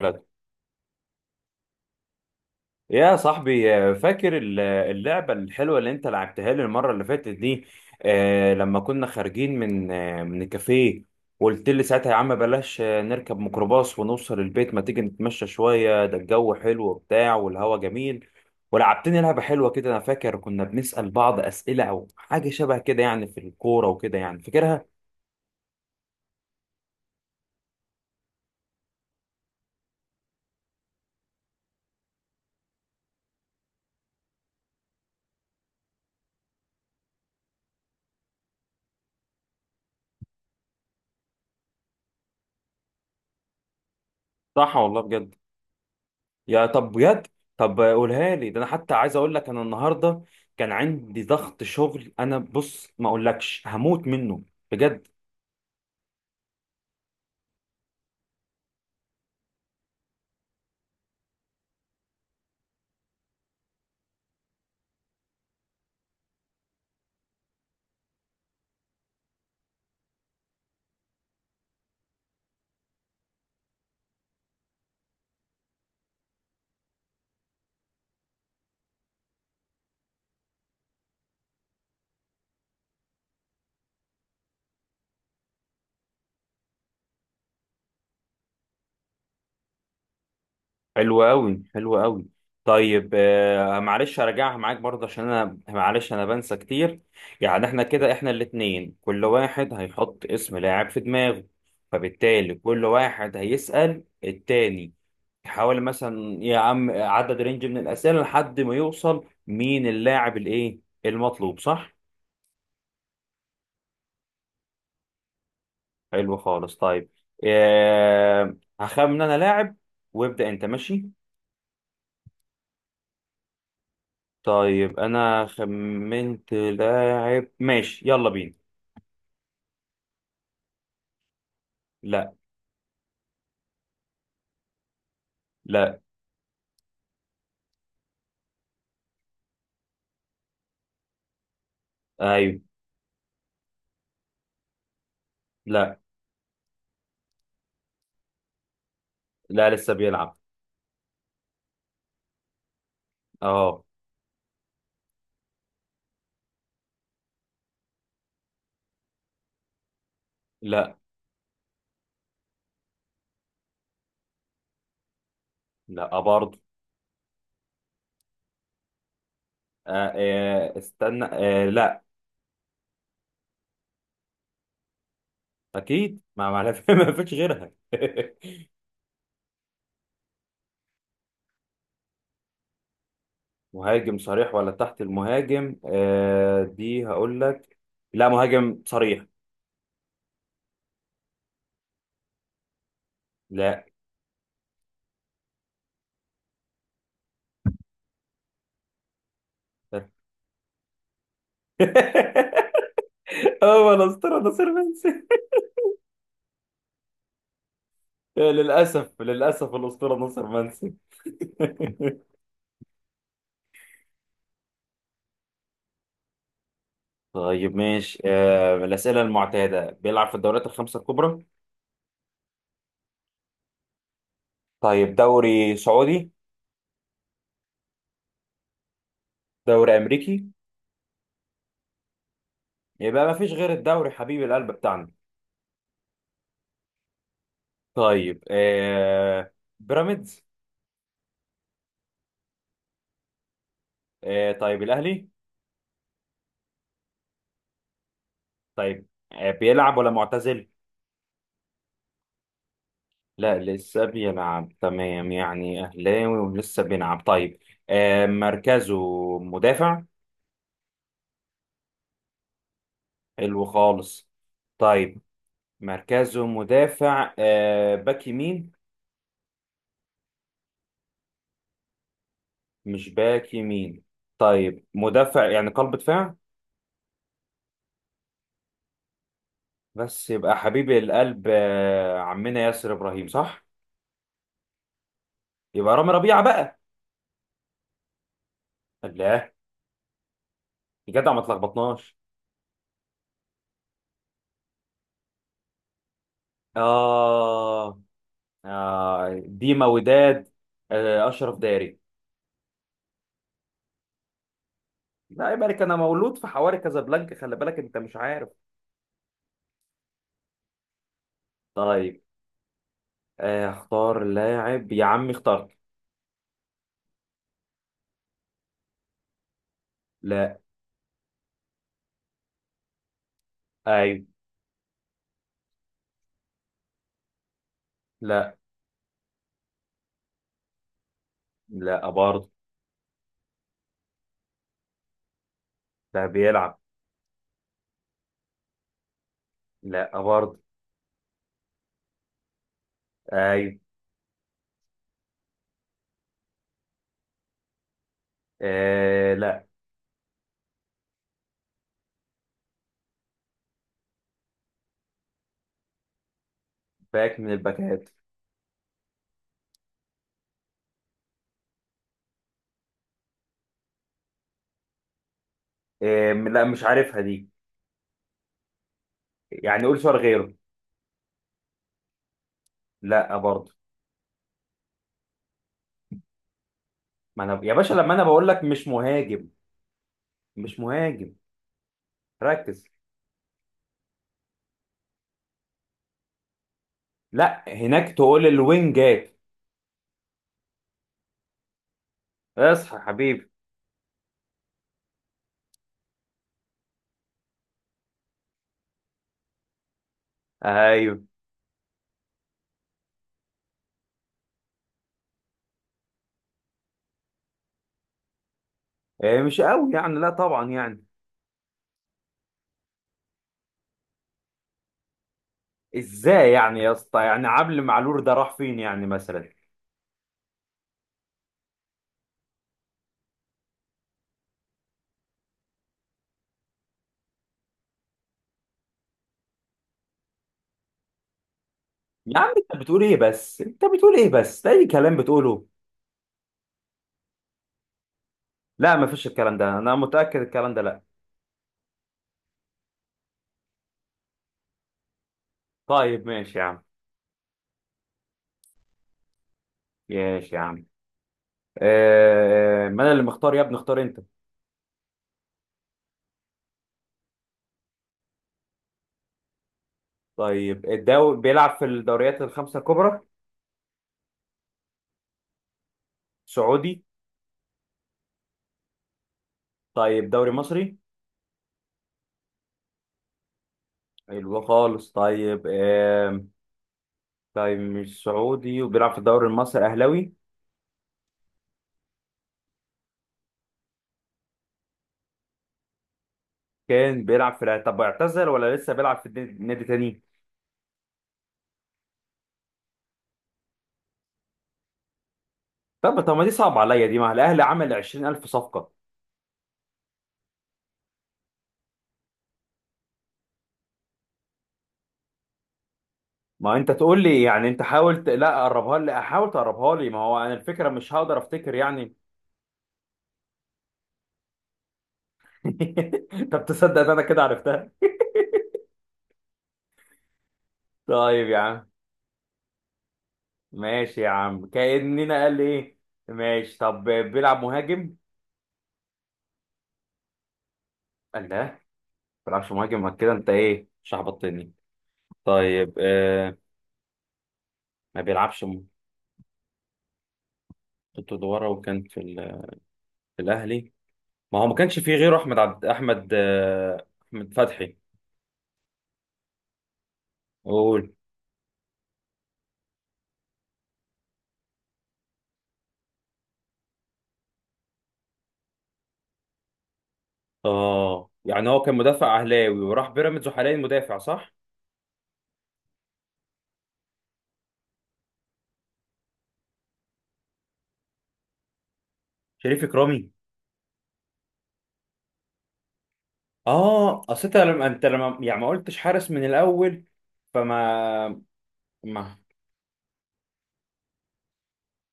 بلد. يا صاحبي فاكر اللعبة الحلوة اللي انت لعبتها لي المرة اللي فاتت دي. لما كنا خارجين من الكافيه، وقلت لي ساعتها يا عم بلاش. نركب ميكروباص ونوصل البيت، ما تيجي نتمشى شوية، ده الجو حلو وبتاع والهوا جميل. ولعبتني لعبة حلوة كده، انا فاكر كنا بنسأل بعض أسئلة او حاجة شبه كده يعني، في الكورة وكده يعني، فاكرها؟ صح والله، بجد. يا طب بجد. طب قولها لي، ده انا حتى عايز اقول لك انا النهارده كان عندي ضغط شغل، انا بص ما اقولكش هموت منه، بجد. حلو قوي، حلو قوي. طيب، معلش اراجعها معاك برضه، عشان انا معلش انا بنسى كتير. يعني احنا كده، احنا الاتنين كل واحد هيحط اسم لاعب في دماغه، فبالتالي كل واحد هيسأل التاني، يحاول مثلا يا عم عدد رينج من الأسئلة لحد ما يوصل مين اللاعب الايه المطلوب، صح؟ حلو خالص. طيب، هخمن انا لاعب وابدأ انت، ماشي. طيب انا خمنت لاعب، ماشي، يلا بينا. لا. لا. ايوه. لا. لا لسه بيلعب. اه. لا. لا برضه. استنى، لا. اكيد، ما ما فيش غيرها مهاجم صريح ولا تحت المهاجم؟ دي هقول لك. لا، مهاجم صريح. لا. هو الاسطوره ناصر منسي؟ للأسف، للأسف، الأسطورة ناصر منسي. طيب ماشي. الأسئلة المعتادة، بيلعب في الدوريات الخمسة الكبرى؟ طيب دوري سعودي؟ دوري أمريكي؟ يبقى ما فيش غير الدوري حبيب القلب بتاعنا. طيب بيراميدز؟ طيب الأهلي. طيب بيلعب ولا معتزل؟ لا لسه بيلعب، تمام، يعني أهلاوي ولسه بيلعب، طيب. مركزه مدافع. حلو خالص. طيب، مركزه مدافع، باك يمين؟ مش باك يمين. طيب، مدافع يعني قلب دفاع، بس يبقى حبيب القلب عمنا ياسر ابراهيم، صح؟ يبقى رامي ربيعه بقى. لا. يا جدع، ما تلخبطناش. آه, ديما وداد. اشرف داري. لا، يبقى لك انا مولود في حواري كازابلانكا، خلي بالك انت مش عارف. طيب، اختار لاعب يا عمي، اخترت. لا. ايوه. لا. لا برضه. ده بيلعب. لا برضه. ايوه. لا. باك من الباكات. لا، مش عارفها دي. يعني قول سؤال غيره. لا برضه. ما انا يا باشا لما انا بقول لك مش مهاجم، مش مهاجم، ركز. لا، هناك تقول الوينجات. اصحى يا حبيبي. ايوه. مش قوي يعني، لا طبعا يعني. ازاي يعني يا اسطى؟ يعني عبد المعلول ده راح فين يعني مثلا؟ يا عم انت بتقول ايه بس، انت بتقول ايه بس، ده اي كلام بتقوله. لا، مفيش الكلام ده، انا متأكد الكلام ده لا. طيب ماشي يا عم. ماشي يا عم. ما انا اللي مختار يا ابني، اختار انت. طيب، الدوري، بيلعب في الدوريات الخمسة الكبرى؟ سعودي؟ طيب دوري مصري. حلو خالص. طيب طيب مش سعودي وبيلعب في الدوري المصري، اهلاوي؟ كان بيلعب في الأهلي. طب اعتزل ولا لسه بيلعب في نادي تاني؟ طب ما دي صعبة عليا دي، ما الاهلي عمل 20,000 صفقة. ما انت تقول لي يعني، انت حاول لا قربها لي، احاول تقربها لي، ما هو انا الفكرة مش هقدر افتكر يعني. طب تصدق إن انا كده عرفتها؟ طيب يا عم. ماشي يا عم، كأننا قال ايه. ماشي. طب بيلعب مهاجم؟ قال لا، ما بيلعبش مهاجم، ما كده انت ايه مش هبطني. طيب ما بيلعبش، كنت ورا، وكان في، في الاهلي ما هو ما كانش فيه غيره احمد عبد احمد، احمد فتحي، قول. اه، يعني هو كان مدافع اهلاوي وراح بيراميدز وحاليا مدافع، صح؟ شريف اكرامي. اه، اصل انت لما يعني ما قلتش حارس من الاول، فما ما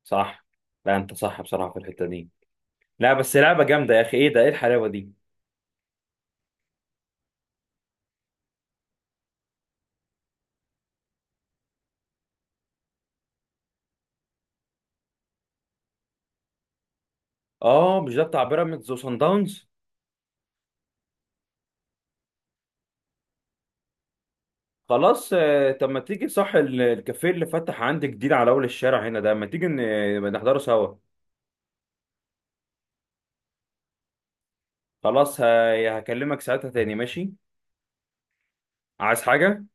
صح. لا انت صح بصراحة في الحتة دي، لا بس لعبه جامده يا اخي، ايه ده، ايه الحلاوه دي. اه، مش ده بتاع بيراميدز وصن داونز. خلاص. طب ما تيجي، صح، الكافيه اللي فتح عندي جديد على اول الشارع هنا ده، ما تيجي نحضره سوا. خلاص، هكلمك ساعتها تاني، ماشي. عايز حاجه؟